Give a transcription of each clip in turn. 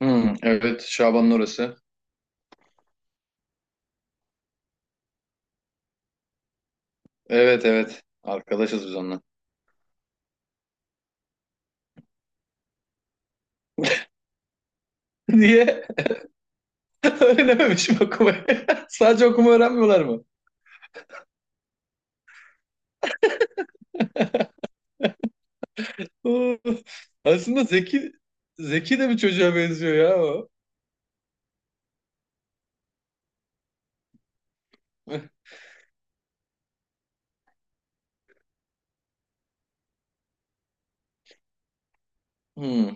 Hmm, evet Şaban'ın orası. Evet evet. Arkadaşız biz onunla. Niye? Öğrenememiş mi okumayı? Sadece okuma öğrenmiyorlar mı? Oo, aslında zeki de bir çocuğa benziyor ya o. Hmm.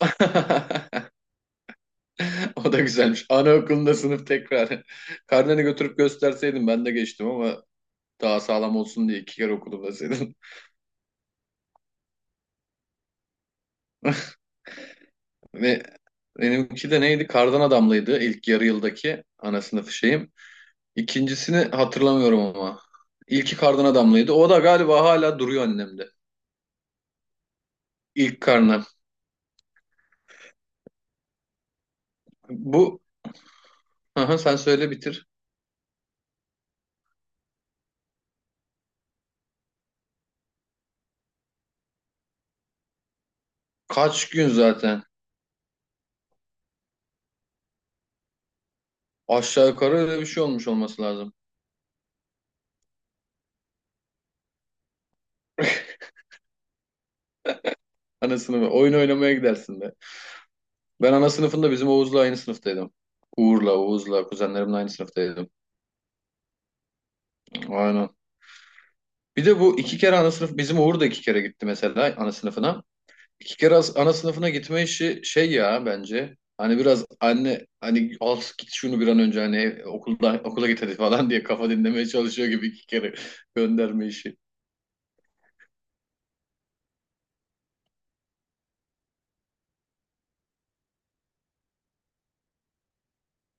O da güzelmiş. Anaokulunda sınıf tekrar. Karneni götürüp gösterseydim ben de geçtim ama daha sağlam olsun diye iki kere okudum deseydim. Ve benimki de neydi? Kardan adamlıydı ilk yarı yıldaki ana sınıfı şeyim. İkincisini hatırlamıyorum ama. İlki kardan adamlıydı. O da galiba hala duruyor annemde. İlk karnı. Bu Aha, sen söyle bitir. Kaç gün zaten. Aşağı yukarı öyle bir şey olmuş olması lazım. Ana sınıfı. Oyun oynamaya gidersin de. Ben ana sınıfında bizim Oğuz'la aynı sınıftaydım. Uğur'la, Oğuz'la, kuzenlerimle aynı sınıftaydım. Aynen. Bir de bu iki kere ana sınıf, bizim Uğur da iki kere gitti mesela ana sınıfına. Ana sınıfına gitme işi şey ya bence. Hani biraz anne hani al git şunu bir an önce hani okulda okula git hadi falan diye kafa dinlemeye çalışıyor gibi iki kere gönderme işi.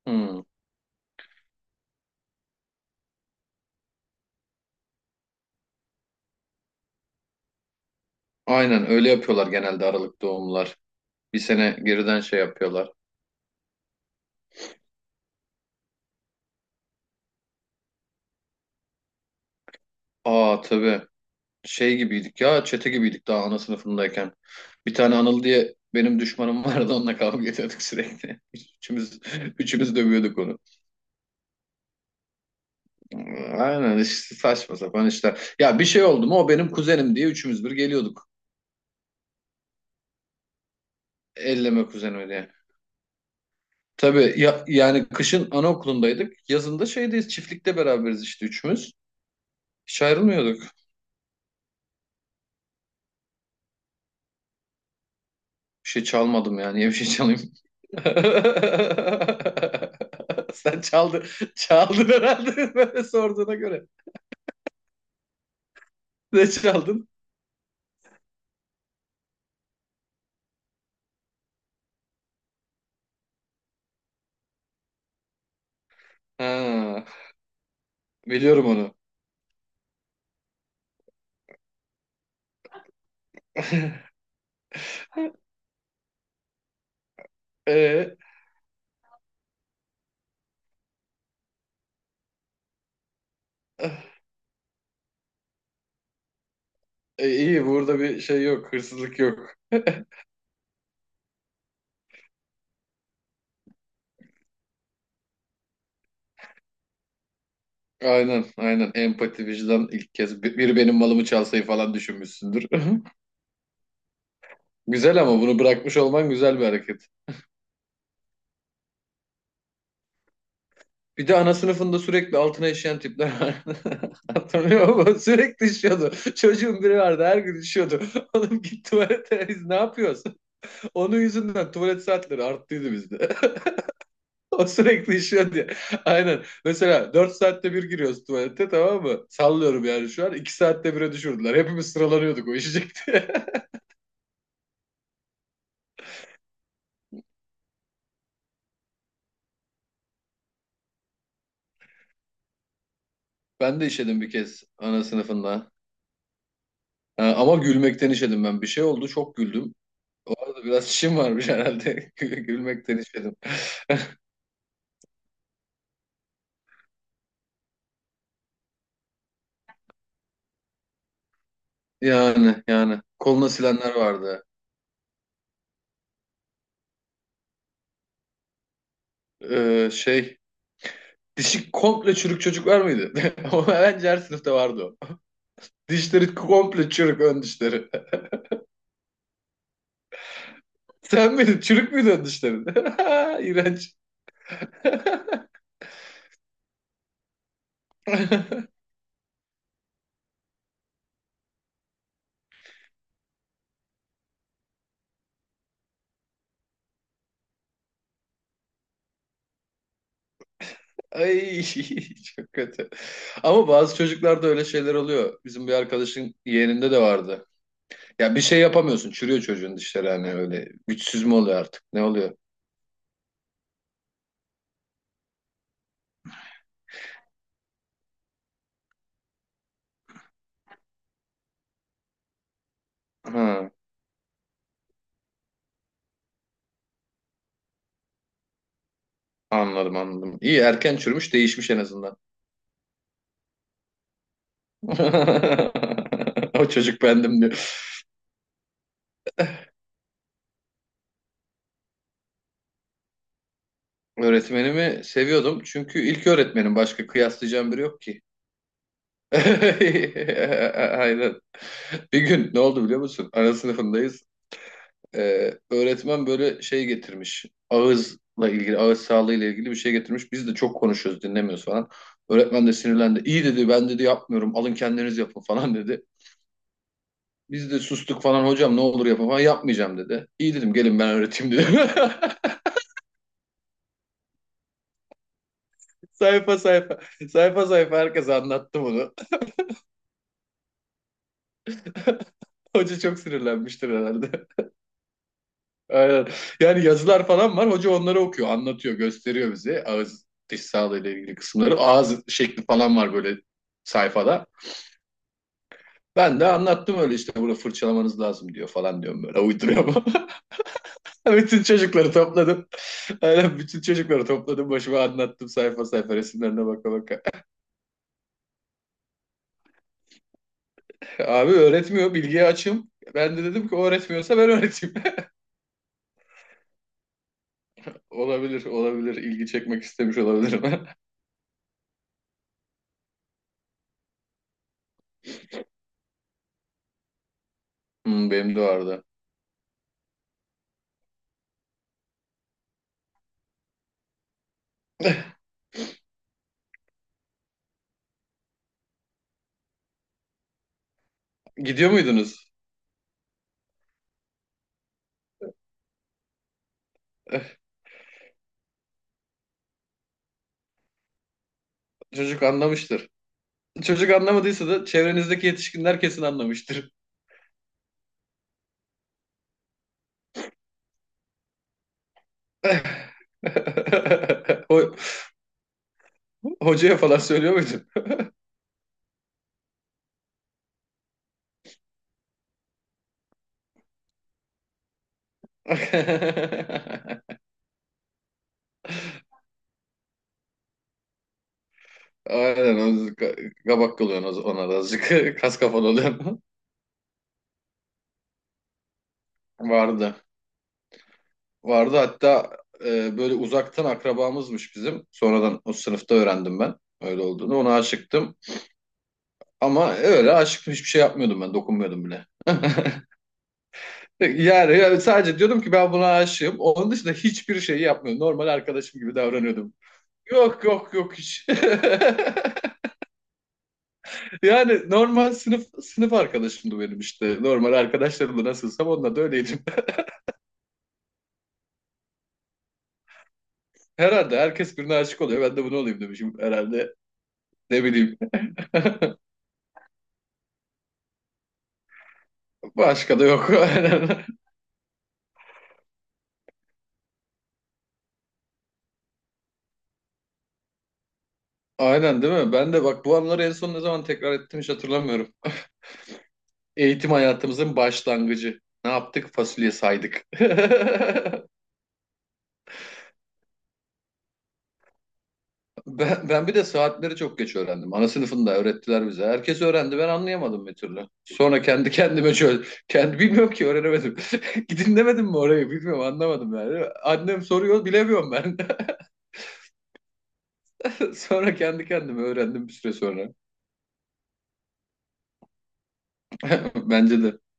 Hmm. Aynen öyle yapıyorlar genelde Aralık doğumlar. Bir sene geriden şey yapıyorlar. Aa tabii şey gibiydik ya çete gibiydik daha ana sınıfındayken. Bir tane Anıl diye benim düşmanım vardı onunla kavga ediyorduk sürekli. Üçümüz, üçümüz dövüyorduk onu. Aynen işte saçma sapan işler. Ya bir şey oldu mu o benim kuzenim diye üçümüz bir geliyorduk. Elleme kuzenimi diye. Tabii ya, yani kışın anaokulundaydık. Yazında şeydeyiz çiftlikte beraberiz işte üçümüz. Hiç ayrılmıyorduk. Bir şey çalmadım yani. Niye bir şey çalayım? Sen çaldın. Çaldın herhalde böyle sorduğuna göre. Ne çaldın? Ha, biliyorum onu. Ee, ah, iyi burada bir şey yok. Hırsızlık yok. Aynen, aynen. Empati, vicdan ilk kez. Biri benim malımı çalsayı falan düşünmüşsündür. Güzel ama bunu bırakmış olman güzel bir hareket. Bir de ana sınıfında sürekli altına işeyen tipler vardı. Hatırlıyor musun? Sürekli işiyordu. Çocuğun biri vardı her gün işiyordu. Oğlum git tuvalete biz ne yapıyorsun? Onun yüzünden tuvalet saatleri arttıydı bizde. O sürekli işiyordu ya. Aynen. Mesela 4 saatte bir giriyoruz tuvalete tamam mı? Sallıyorum yani şu an. İki saatte bire düşürdüler. Hepimiz sıralanıyorduk o işecekti. Ben de işedim bir kez ana sınıfında. Ha, ama gülmekten işedim ben. Bir şey oldu çok güldüm. Orada biraz işim varmış herhalde. Gülmekten işedim. Yani yani. Koluna silenler vardı. Ee, şey Dişi komple çürük çocuklar mıydı? Ama bence her sınıfta vardı o. Dişleri komple çürük ön dişleri. Sen miydin? Çürük müydü ön dişlerin? İğrenç. Ay çok kötü. Ama bazı çocuklarda öyle şeyler oluyor. Bizim bir arkadaşın yeğeninde de vardı. Ya bir şey yapamıyorsun. Çürüyor çocuğun dişleri hani öyle. Güçsüz mü oluyor artık? Ne oluyor? Ha, anladım anladım. İyi erken çürümüş değişmiş en azından. O çocuk bendim diyor. Öğretmenimi seviyordum. Çünkü ilk öğretmenim. Başka kıyaslayacağım biri yok ki. Aynen. Bir gün ne oldu biliyor musun? Ana sınıfındayız. Öğretmen böyle şey getirmiş. Ağızla ilgili, ağız sağlığıyla ilgili bir şey getirmiş. Biz de çok konuşuyoruz, dinlemiyoruz falan. Öğretmen de sinirlendi. İyi dedi, ben dedi yapmıyorum. Alın kendiniz yapın falan dedi. Biz de sustuk falan hocam ne olur yapın falan yapmayacağım dedi. İyi dedim gelin ben öğreteyim dedim. Sayfa sayfa. Sayfa sayfa herkes anlattı bunu. Hoca çok sinirlenmiştir herhalde. Aynen. Yani yazılar falan var. Hoca onları okuyor, anlatıyor, gösteriyor bize. Ağız, diş sağlığıyla ilgili kısımları. Ağız şekli falan var böyle sayfada. Ben de anlattım öyle işte bunu fırçalamanız lazım diyor falan diyorum böyle uyduruyorum. Bütün çocukları topladım. Aynen bütün çocukları topladım başıma anlattım sayfa sayfa resimlerine baka baka. Abi öğretmiyor bilgiye açım. Ben de dedim ki o öğretmiyorsa ben öğreteyim. Olabilir ilgi çekmek istemiş olabilirim. Hmm, benim de vardı. Gidiyor muydunuz? Çocuk anlamıştır. Çocuk anlamadıysa da çevrenizdeki yetişkinler kesin anlamıştır. Ho- Hocaya falan söylüyor muydunuz? Aynen o kabak kalıyorsun ona da azıcık. Kas kafalı oluyorsun. Vardı. Vardı hatta böyle uzaktan akrabamızmış bizim. Sonradan o sınıfta öğrendim ben öyle olduğunu. Ona aşıktım. Ama öyle aşıktım hiçbir şey yapmıyordum ben. Dokunmuyordum bile. Yani, yani sadece diyordum ki ben buna aşığım. Onun dışında hiçbir şey yapmıyordum. Normal arkadaşım gibi davranıyordum. Yok yok yok hiç. Yani normal sınıf arkadaşımdı benim işte. Normal arkadaşlarımla nasılsam onunla da öyleydim. Herhalde herkes birine aşık oluyor. Ben de bunu olayım demişim herhalde. Ne bileyim. Başka da yok. Aynen. Aynen değil mi? Ben de bak bu anları en son ne zaman tekrar ettim hiç hatırlamıyorum. Eğitim hayatımızın başlangıcı. Ne yaptık? Fasulye saydık. Ben bir de saatleri çok geç öğrendim. Ana sınıfında öğrettiler bize. Herkes öğrendi. Ben anlayamadım bir türlü. Sonra kendi kendime şöyle... Kendi bilmiyorum ki öğrenemedim. Dinlemedim mi orayı? Bilmiyorum anlamadım yani. Annem soruyor bilemiyorum ben. Sonra kendi kendime öğrendim bir süre sonra. Bence de.